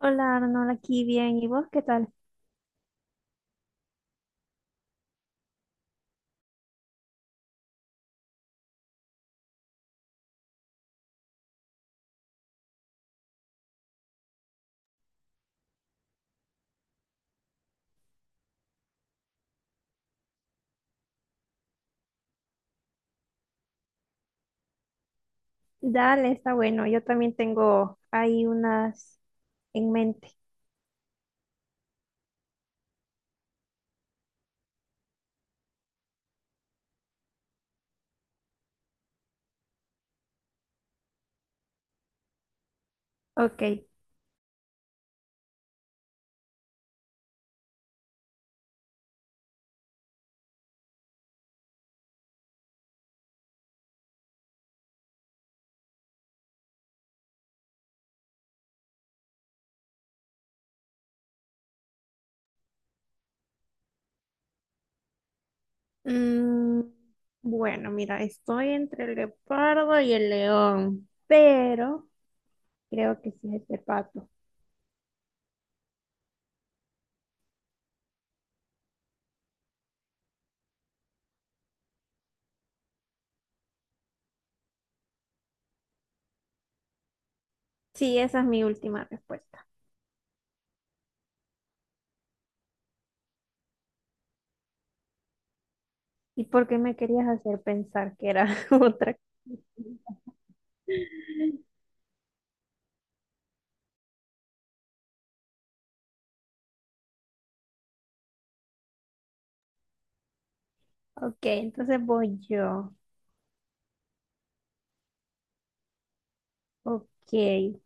Hola Arnold, aquí bien. ¿Y vos qué tal? Dale, está bueno. Yo también tengo ahí unas en mente. Ok. Mm, bueno, mira, estoy entre el leopardo y el león, pero creo que sí es el pato. Sí, esa es mi última respuesta. ¿Y por qué me querías hacer pensar que era otra cosa? Ok, entonces voy yo. Ok.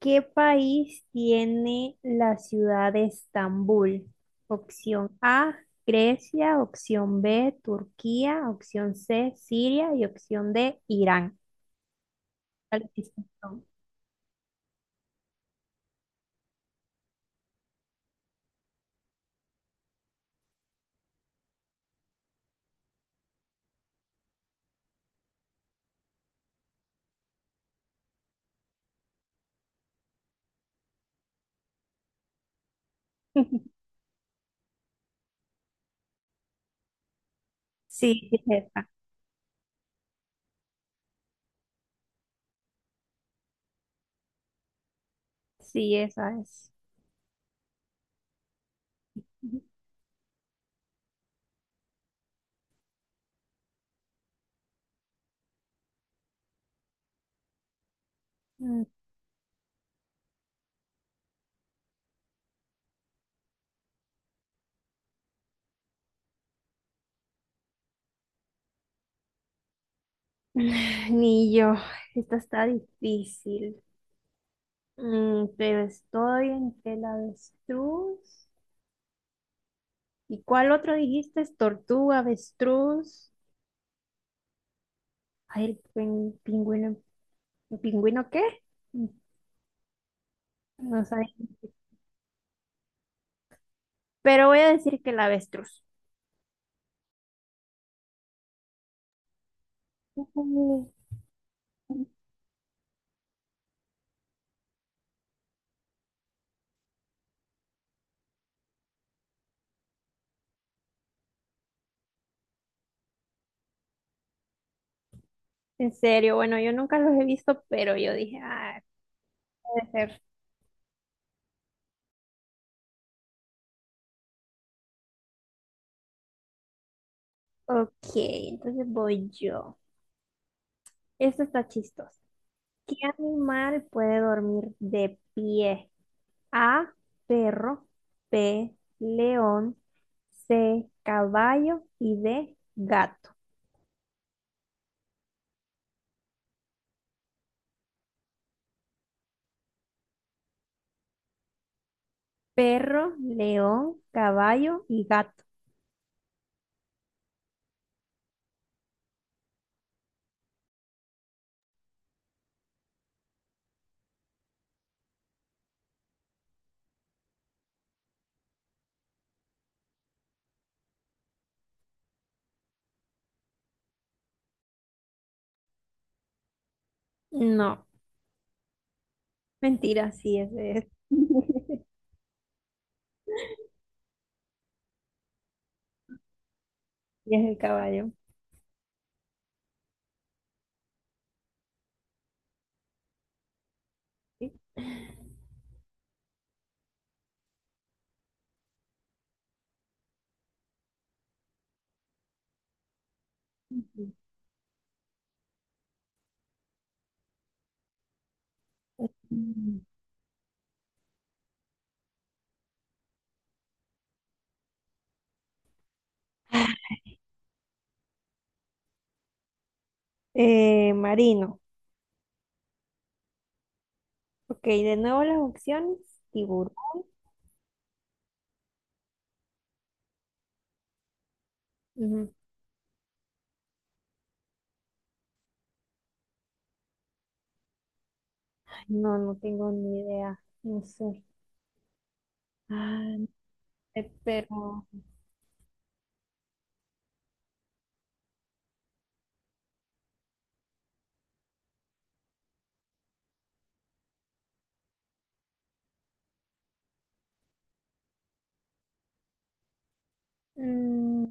¿Qué país tiene la ciudad de Estambul? Opción A, Grecia. Opción B, Turquía. Opción C, Siria. Y opción D, Irán. ¿Cuáles esas son? Sí, no. Sí, esa. Sí, esa es. Mm. Ni yo. Esta está difícil. Pero estoy entre el avestruz. ¿Y cuál otro dijiste? Tortuga, avestruz. Ay, pingüino, ¿pingüino qué? No sabe. Pero voy a decir que el avestruz. Ujú. En serio. Bueno, yo nunca los he visto, pero yo dije, ah, puede ser. Ok, entonces voy yo. Esto está chistoso. ¿Qué animal puede dormir de pie? A, perro. B, león. C, caballo. Y D, gato. Perro, león, caballo y gato. No. Mentira, sí, ese es. Y es el caballo. ¿Sí? Mm. Marino. Ok, de nuevo las opciones. Tiburón. Ujú. Ay, no, no tengo ni idea. No sé. Ah, no sé, pero. mm,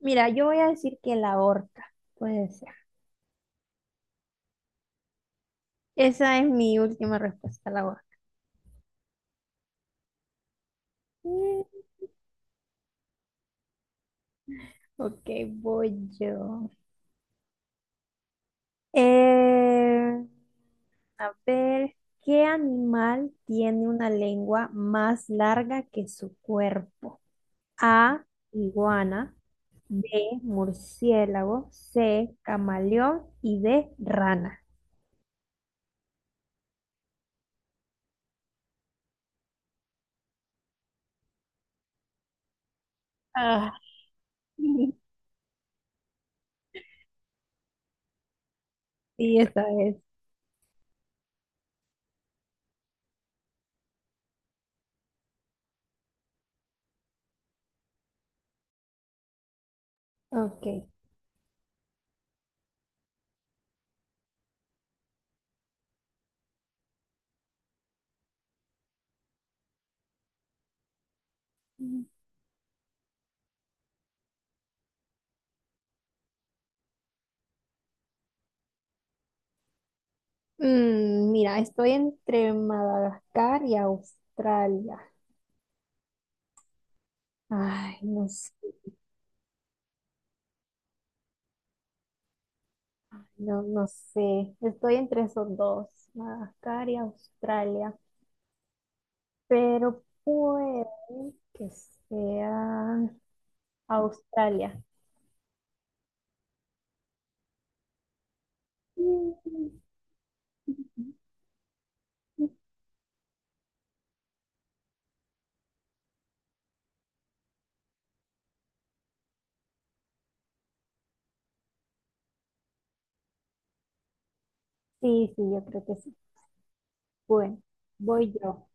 Mira, yo voy a decir que la orca. Puede ser. Esa es mi última respuesta, la orca. Mm. Ok, voy yo. Eh, A ver, ¿qué animal tiene una lengua más larga que su cuerpo? A, iguana. B, murciélago. C, camaleón. Y D, rana. Ah, sí, esa es. Ok. mm, Mira, estoy entre Madagascar y Australia. Ay, no sé, no, no sé. Estoy entre esos dos, Madagascar y Australia, pero puede que sea Australia. Mm. Sí, sí, yo creo que sí. Bueno, voy yo.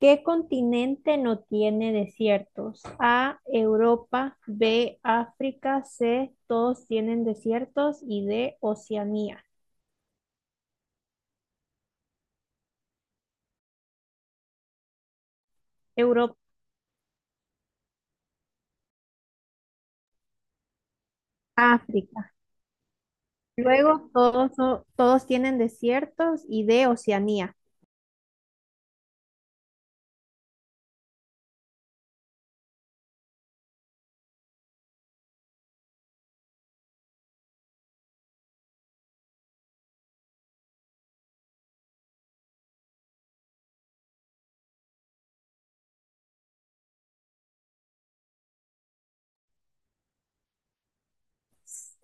¿Qué continente no tiene desiertos? A, Europa. B, África. C, todos tienen desiertos. Y D, Oceanía. Europa, África. Luego todos, todos tienen desiertos y D, Oceanía.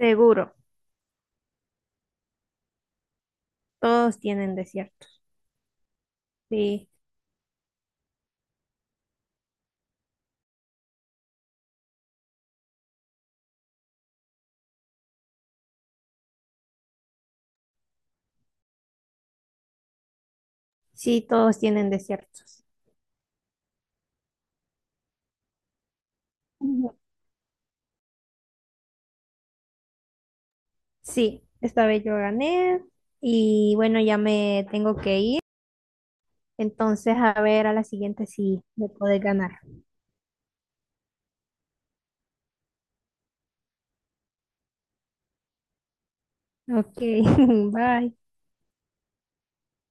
Seguro, todos tienen desiertos. Sí. Sí, todos tienen desiertos. Ujú. Sí, esta vez yo gané y bueno, ya me tengo que ir. Entonces, a ver a la siguiente si me puedes ganar. Ok, bye.